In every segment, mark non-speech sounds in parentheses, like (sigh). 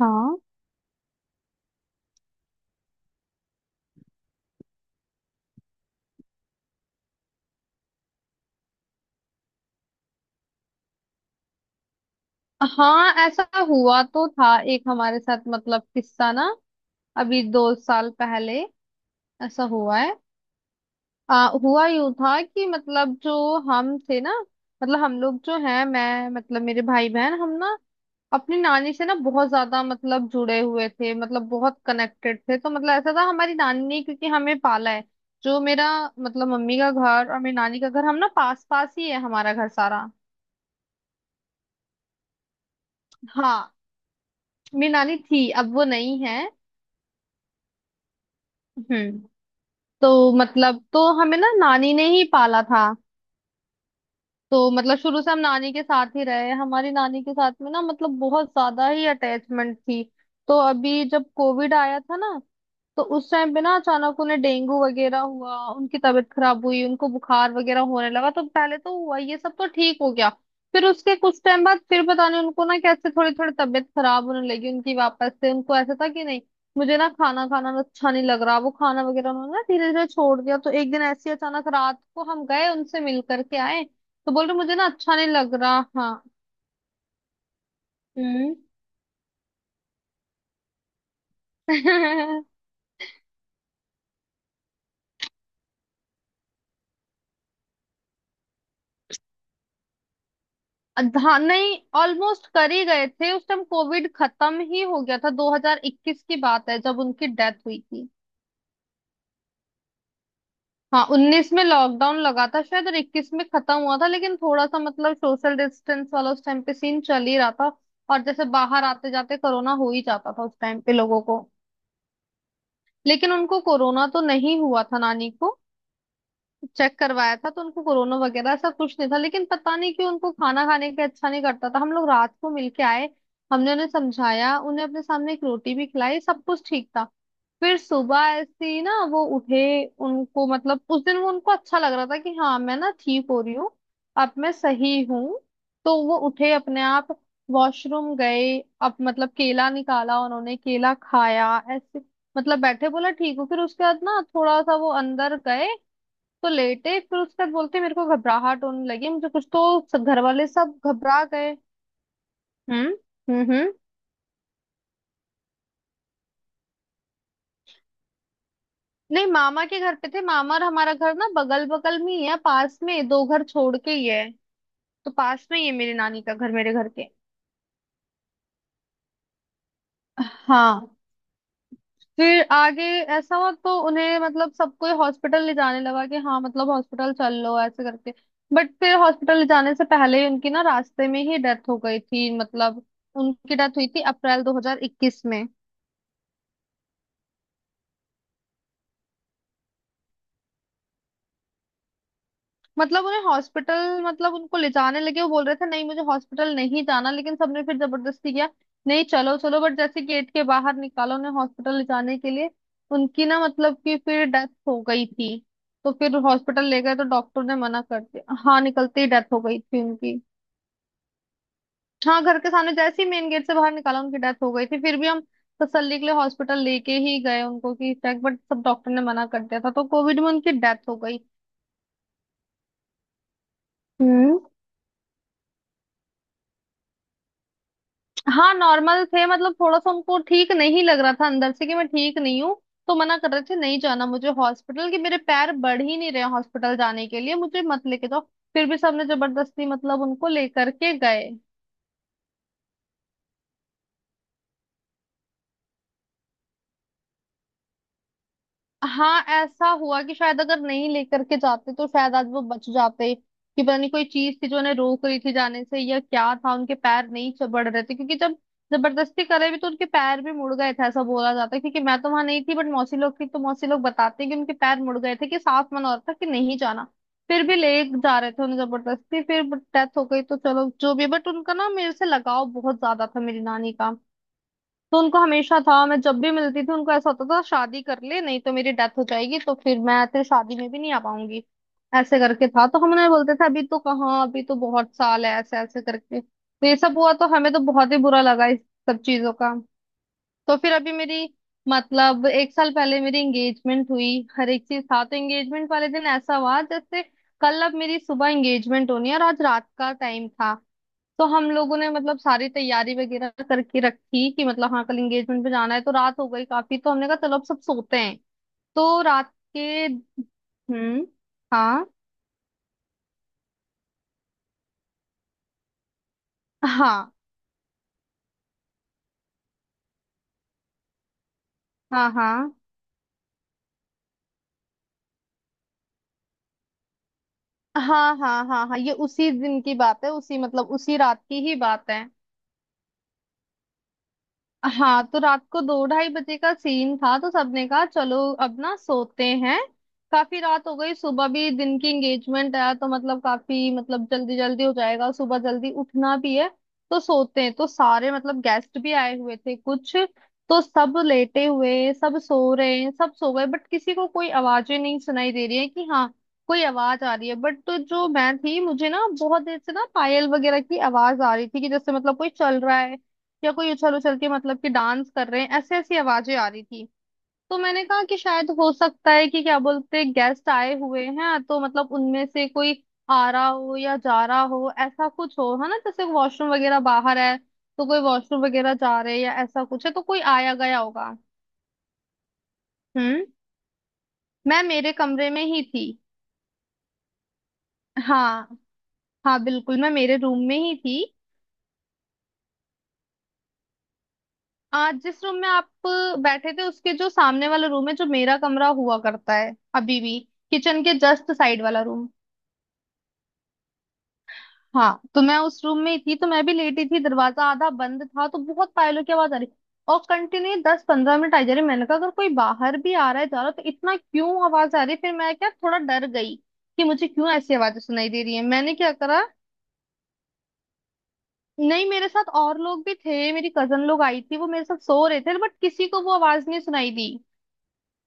हाँ हाँ, ऐसा हुआ तो था। एक हमारे साथ मतलब किस्सा ना, अभी 2 साल पहले ऐसा हुआ है। हुआ यूं था कि मतलब जो हम थे ना, मतलब हम लोग जो हैं, मैं मतलब मेरे भाई बहन हम ना अपनी नानी से ना बहुत ज्यादा मतलब जुड़े हुए थे, मतलब बहुत कनेक्टेड थे। तो मतलब ऐसा था, हमारी नानी ने क्योंकि हमें पाला है। जो मेरा मतलब मम्मी का घर और मेरी नानी का घर, हम ना पास पास ही है हमारा घर सारा। हाँ, मेरी नानी थी, अब वो नहीं है। हम्म। तो मतलब तो हमें ना नानी ने ही पाला था। तो मतलब शुरू से हम नानी के साथ ही रहे, हमारी नानी के साथ में ना मतलब बहुत ज्यादा ही अटैचमेंट थी। तो अभी जब कोविड आया था ना, तो उस टाइम पे ना अचानक उन्हें डेंगू वगैरह हुआ, उनकी तबीयत खराब हुई, उनको बुखार वगैरह होने लगा। तो पहले तो हुआ ये सब तो ठीक हो गया। फिर उसके कुछ टाइम बाद फिर पता नहीं उनको ना कैसे थोड़ी थोड़ी तबीयत खराब होने लगी उनकी वापस से। उनको ऐसा था कि नहीं, मुझे ना खाना खाना ना अच्छा नहीं लग रहा। वो खाना वगैरह उन्होंने ना धीरे धीरे छोड़ दिया। तो एक दिन ऐसी अचानक रात को हम गए उनसे मिल करके आए, तो बोल रहे मुझे ना अच्छा नहीं लग रहा। हाँ। हम्म। (laughs) हाँ नहीं, ऑलमोस्ट कर ही गए थे, उस टाइम कोविड खत्म ही हो गया था। 2021 की बात है जब उनकी डेथ हुई थी। हाँ, 19 में लॉकडाउन लगा था शायद और 21 में खत्म हुआ था, लेकिन थोड़ा सा मतलब सोशल डिस्टेंस वाला उस टाइम पे सीन चल ही रहा था। और जैसे बाहर आते जाते कोरोना हो ही जाता था उस टाइम पे लोगों को। लेकिन उनको कोरोना तो नहीं हुआ था नानी को। चेक करवाया था तो उनको कोरोना वगैरह ऐसा कुछ नहीं था। लेकिन पता नहीं क्यों उनको खाना खाने का अच्छा नहीं करता था। हम लोग रात को मिलके आए, हमने उन्हें समझाया, उन्हें अपने सामने एक रोटी भी खिलाई, सब कुछ ठीक था। फिर सुबह ऐसे ही ना वो उठे, उनको मतलब उस दिन वो उनको अच्छा लग रहा था कि हाँ मैं ना ठीक हो रही हूँ, अब मैं सही हूँ। तो वो उठे अपने आप, वॉशरूम गए, अब मतलब केला निकाला, उन्होंने केला खाया ऐसे। मतलब बैठे बोला ठीक हो। फिर उसके बाद ना थोड़ा सा वो अंदर गए तो लेटे। फिर उसके बाद बोलते मेरे को घबराहट होने लगी मुझे कुछ। तो सब घर वाले सब घबरा गए। हम्म। हम्म। हम्म। नहीं, मामा के घर पे थे, मामा और हमारा घर ना बगल बगल में ही है, पास में दो घर छोड़ के ही है। तो पास में ही है मेरी नानी का घर मेरे घर के। हाँ, फिर आगे ऐसा हुआ तो उन्हें मतलब सब कोई हॉस्पिटल ले जाने लगा कि हाँ मतलब हॉस्पिटल चल लो ऐसे करके। बट फिर हॉस्पिटल ले जाने से पहले ही उनकी ना रास्ते में ही डेथ हो गई थी। मतलब उनकी डेथ हुई थी अप्रैल 2021 में। मतलब उन्हें हॉस्पिटल मतलब उनको ले जाने लगे, वो बोल रहे थे नहीं मुझे हॉस्पिटल नहीं जाना, लेकिन सबने फिर जबरदस्ती किया, नहीं चलो चलो। बट जैसे गेट के बाहर निकाला उन्हें हॉस्पिटल ले जाने के लिए, उनकी ना मतलब कि फिर डेथ हो गई थी। तो फिर हॉस्पिटल ले गए तो डॉक्टर ने मना कर दिया। हाँ, निकलते ही डेथ हो गई थी उनकी। हाँ, घर के सामने जैसे ही मेन गेट से बाहर निकाला उनकी डेथ हो गई थी। फिर भी हम तसल्ली के लिए हॉस्पिटल लेके ही गए उनको कि चेक, बट सब डॉक्टर ने मना कर दिया था। तो कोविड में उनकी डेथ हो गई। हम्म। हाँ नॉर्मल थे, मतलब थोड़ा सा उनको ठीक नहीं लग रहा था अंदर से कि मैं ठीक नहीं हूँ। तो मना कर रहे थे नहीं जाना मुझे हॉस्पिटल, कि मेरे पैर बढ़ ही नहीं रहे हॉस्पिटल जाने के लिए, मुझे मत लेके जाओ। फिर भी सबने जबरदस्ती मतलब उनको लेकर के गए। हाँ, ऐसा हुआ कि शायद अगर नहीं लेकर के जाते तो शायद आज वो बच जाते। कि पता नहीं कोई चीज थी जो उन्हें रोक रही थी जाने से, या क्या था उनके पैर नहीं चबड़ रहे थे। क्योंकि जब जबरदस्ती करे भी तो उनके पैर भी मुड़ गए थे, ऐसा बोला जाता है, क्योंकि मैं तो वहां नहीं थी, बट मौसी लोग थी तो मौसी लोग बताते हैं कि उनके पैर मुड़ गए थे, कि साफ मना हो रहा था कि नहीं जाना। फिर भी ले जा रहे थे उन्हें जबरदस्ती, फिर डेथ हो गई। तो चलो जो भी, बट उनका ना मेरे से लगाव बहुत ज्यादा था, मेरी नानी का। तो उनको हमेशा था, मैं जब भी मिलती थी उनको ऐसा होता था, शादी कर ले नहीं तो मेरी डेथ हो जाएगी, तो फिर मैं तेरी शादी में भी नहीं आ पाऊंगी, ऐसे करके था। तो हम उन्हें बोलते थे अभी तो कहाँ, अभी तो बहुत साल है, ऐसे ऐसे करके। तो ये सब हुआ तो हमें तो बहुत ही बुरा लगा इस सब चीजों का। तो फिर अभी मेरी मतलब एक साल पहले मेरी एंगेजमेंट हुई, हर एक चीज था। तो एंगेजमेंट वाले दिन ऐसा हुआ, जैसे कल अब मेरी सुबह एंगेजमेंट होनी है और आज रात का टाइम था। तो हम लोगों ने मतलब सारी तैयारी वगैरह करके रखी कि मतलब हाँ कल एंगेजमेंट पे जाना है। तो रात हो गई काफी तो हमने कहा चलो अब सब सोते हैं। तो रात के। हम्म। हाँ हाँ हाँ हाँ हाँ हाँ हाँ हाँ, ये उसी दिन की बात है, उसी मतलब उसी रात की ही बात है। हाँ, तो रात को दो ढाई बजे का सीन था, तो सबने कहा चलो अब ना सोते हैं। काफी रात हो गई, सुबह भी दिन की एंगेजमेंट है, तो मतलब काफी मतलब जल्दी जल्दी हो जाएगा, सुबह जल्दी उठना भी है। तो सोते हैं। तो सारे मतलब गेस्ट भी आए हुए थे कुछ। तो सब लेटे हुए सब सो रहे हैं, सब सो गए, बट किसी को कोई आवाजें नहीं सुनाई दे रही है कि हाँ कोई आवाज आ रही है। बट तो जो मैं थी, मुझे ना बहुत देर से ना पायल वगैरह की आवाज आ रही थी कि जैसे मतलब कोई चल रहा है, या कोई उछल उछल के मतलब कि डांस कर रहे हैं, ऐसे ऐसी आवाजें आ रही थी। तो मैंने कहा कि शायद हो सकता है कि क्या बोलते गेस्ट आए हुए हैं तो मतलब उनमें से कोई आ रहा हो या जा रहा हो ऐसा कुछ हो, है ना, जैसे वॉशरूम वगैरह बाहर है। तो कोई वॉशरूम वगैरह जा रहे हैं या ऐसा कुछ है, तो कोई आया गया होगा। हम्म। मैं मेरे कमरे में ही थी। हाँ हाँ, बिल्कुल मैं मेरे रूम में ही थी। आज जिस रूम में आप बैठे थे उसके जो सामने वाला रूम है, जो मेरा कमरा हुआ करता है अभी भी, किचन के जस्ट साइड वाला रूम। हाँ, तो मैं उस रूम में ही थी, तो मैं भी लेटी थी, दरवाजा आधा बंद था, तो बहुत पायलों की आवाज आ रही और कंटिन्यू 10-15 मिनट आई जा रही। मैंने कहा अगर कोई बाहर भी आ रहा है जा रहा है तो इतना क्यों आवाज आ रही है? फिर मैं क्या, थोड़ा डर गई कि मुझे क्यों ऐसी आवाजें सुनाई दे रही है। मैंने क्या करा, नहीं मेरे साथ और लोग भी थे, मेरी कजन लोग आई थी वो मेरे साथ सो रहे थे, बट किसी को वो आवाज नहीं सुनाई दी।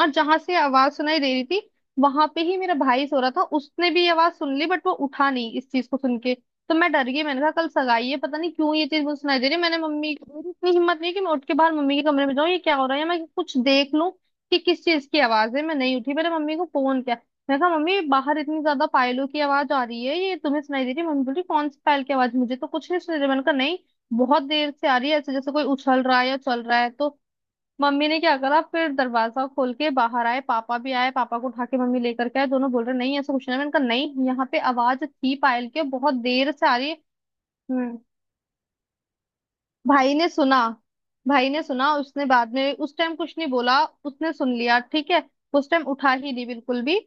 और जहां से आवाज सुनाई दे रही थी वहां पे ही मेरा भाई सो रहा था, उसने भी आवाज सुन ली बट वो उठा नहीं इस चीज को सुन के। तो मैं डर गई, मैंने कहा कल सगाई है, पता नहीं क्यों ये चीज मुझे सुनाई दे रही है। मैंने मम्मी, मेरी इतनी हिम्मत नहीं कि मैं उठ के बाहर मम्मी के कमरे में जाऊं, ये क्या हो रहा है, या मैं कुछ देख लूं कि किस चीज की आवाज है। मैं नहीं उठी, मैंने मम्मी को फोन किया। मैं कहा मम्मी, बाहर इतनी ज्यादा पायलों की आवाज आ रही है, ये तुम्हें सुनाई दे रही है। मम्मी बोली कौन सी पायल की आवाज, मुझे तो कुछ नहीं सुनाई दे रही। मैंने कहा नहीं, बहुत देर से आ रही है, ऐसे जैसे कोई उछल रहा है या चल रहा है। तो मम्मी ने क्या करा फिर, दरवाजा खोल के बाहर आए, पापा भी आए पापा को उठा के मम्मी लेकर के आए, दोनों बोल रहे नहीं ऐसा कुछ नहीं है। मैंने कहा नहीं, यहाँ पे आवाज थी पायल की और बहुत देर से आ रही है। हम्म। भाई ने सुना, भाई ने सुना, उसने बाद में, उस टाइम कुछ नहीं बोला, उसने सुन लिया ठीक है। उस टाइम उठा ही नहीं बिल्कुल भी।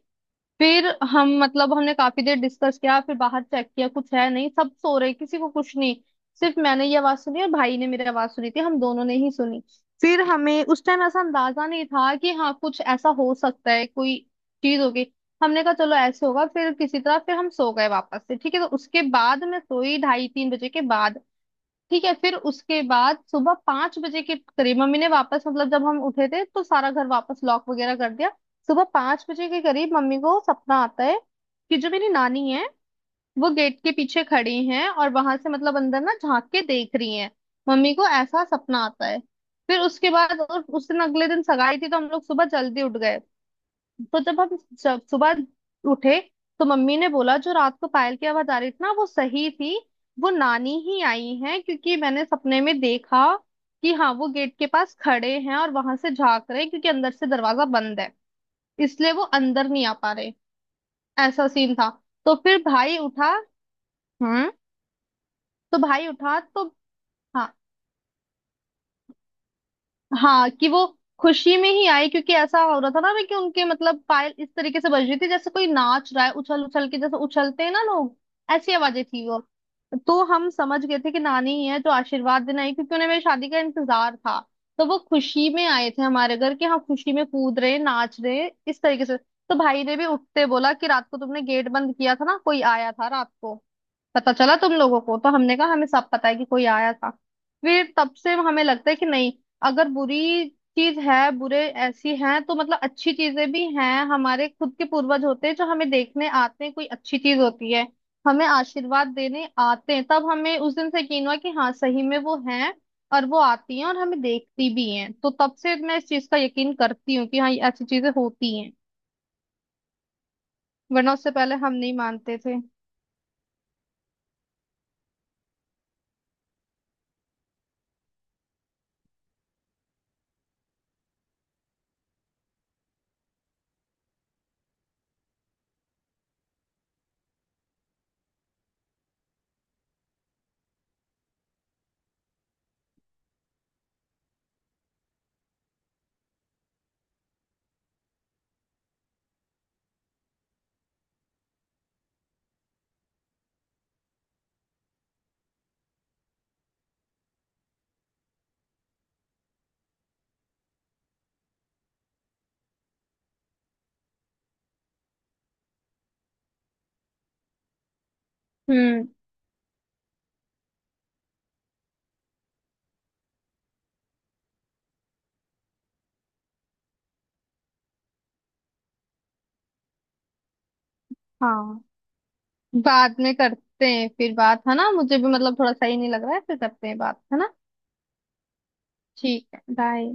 फिर हम मतलब हमने काफी देर डिस्कस किया, फिर बाहर चेक किया, कुछ है नहीं, सब सो रहे, किसी को कुछ नहीं। सिर्फ मैंने ये आवाज सुनी और भाई ने मेरी आवाज सुनी थी, हम दोनों ने ही सुनी। फिर हमें उस टाइम ऐसा अंदाजा नहीं था कि हाँ कुछ ऐसा हो सकता है कोई चीज होगी। हमने कहा चलो ऐसे होगा, फिर किसी तरह फिर हम सो गए वापस से, ठीक है। तो उसके बाद मैं सोई ढाई तीन बजे के बाद, ठीक है। फिर उसके बाद सुबह 5 बजे के करीब मम्मी ने, वापस मतलब जब हम उठे थे तो सारा घर वापस लॉक वगैरह कर दिया। सुबह 5 बजे के करीब मम्मी को सपना आता है कि जो मेरी नानी है वो गेट के पीछे खड़ी हैं और वहां से मतलब अंदर ना झांक के देख रही हैं, मम्मी को ऐसा सपना आता है। फिर उसके बाद और उस दिन अगले दिन सगाई थी तो हम लोग सुबह जल्दी उठ गए। तो जब हम, जब सुबह उठे तो मम्मी ने बोला जो रात को पायल की आवाज आ रही थी ना, वो सही थी, वो नानी ही आई हैं, क्योंकि मैंने सपने में देखा कि हाँ वो गेट के पास खड़े हैं और वहां से झांक रहे हैं, क्योंकि अंदर से दरवाजा बंद है इसलिए वो अंदर नहीं आ पा रहे। ऐसा सीन था। तो फिर भाई उठा। हम्म। तो भाई उठा तो, हाँ हाँ, कि वो खुशी में ही आई क्योंकि ऐसा हो रहा था ना कि उनके मतलब पायल इस तरीके से बज रही थी जैसे कोई नाच रहा है उछल उछल के, जैसे उछलते हैं ना लोग, ऐसी आवाजें थी वो। तो हम समझ गए थे कि नानी ही है जो आशीर्वाद देने आई, क्योंकि उन्हें मेरी शादी का इंतजार था। तो वो खुशी में आए थे हमारे घर कि हाँ खुशी में कूद रहे नाच रहे इस तरीके से। तो भाई ने भी उठते बोला कि रात को तुमने गेट बंद किया था ना, कोई आया था रात को पता चला तुम लोगों को। तो हमने कहा हमें सब पता है कि कोई आया था। फिर तब से हमें लगता है कि नहीं, अगर बुरी चीज है, बुरे ऐसी हैं, तो मतलब अच्छी चीजें भी हैं, हमारे खुद के पूर्वज होते हैं जो हमें देखने आते हैं, कोई अच्छी चीज होती है हमें आशीर्वाद देने आते हैं। तब हमें उस दिन से यकीन हुआ कि हाँ सही में वो हैं और वो आती हैं और हमें देखती भी हैं। तो तब से मैं इस चीज का यकीन करती हूँ कि हाँ ये ऐसी चीजें होती हैं, वरना उससे पहले हम नहीं मानते थे। हम्म। हाँ, बाद में करते हैं फिर बात, है ना। मुझे भी मतलब थोड़ा सही नहीं लग रहा है, फिर करते हैं बात, है ना। ठीक है, बाय।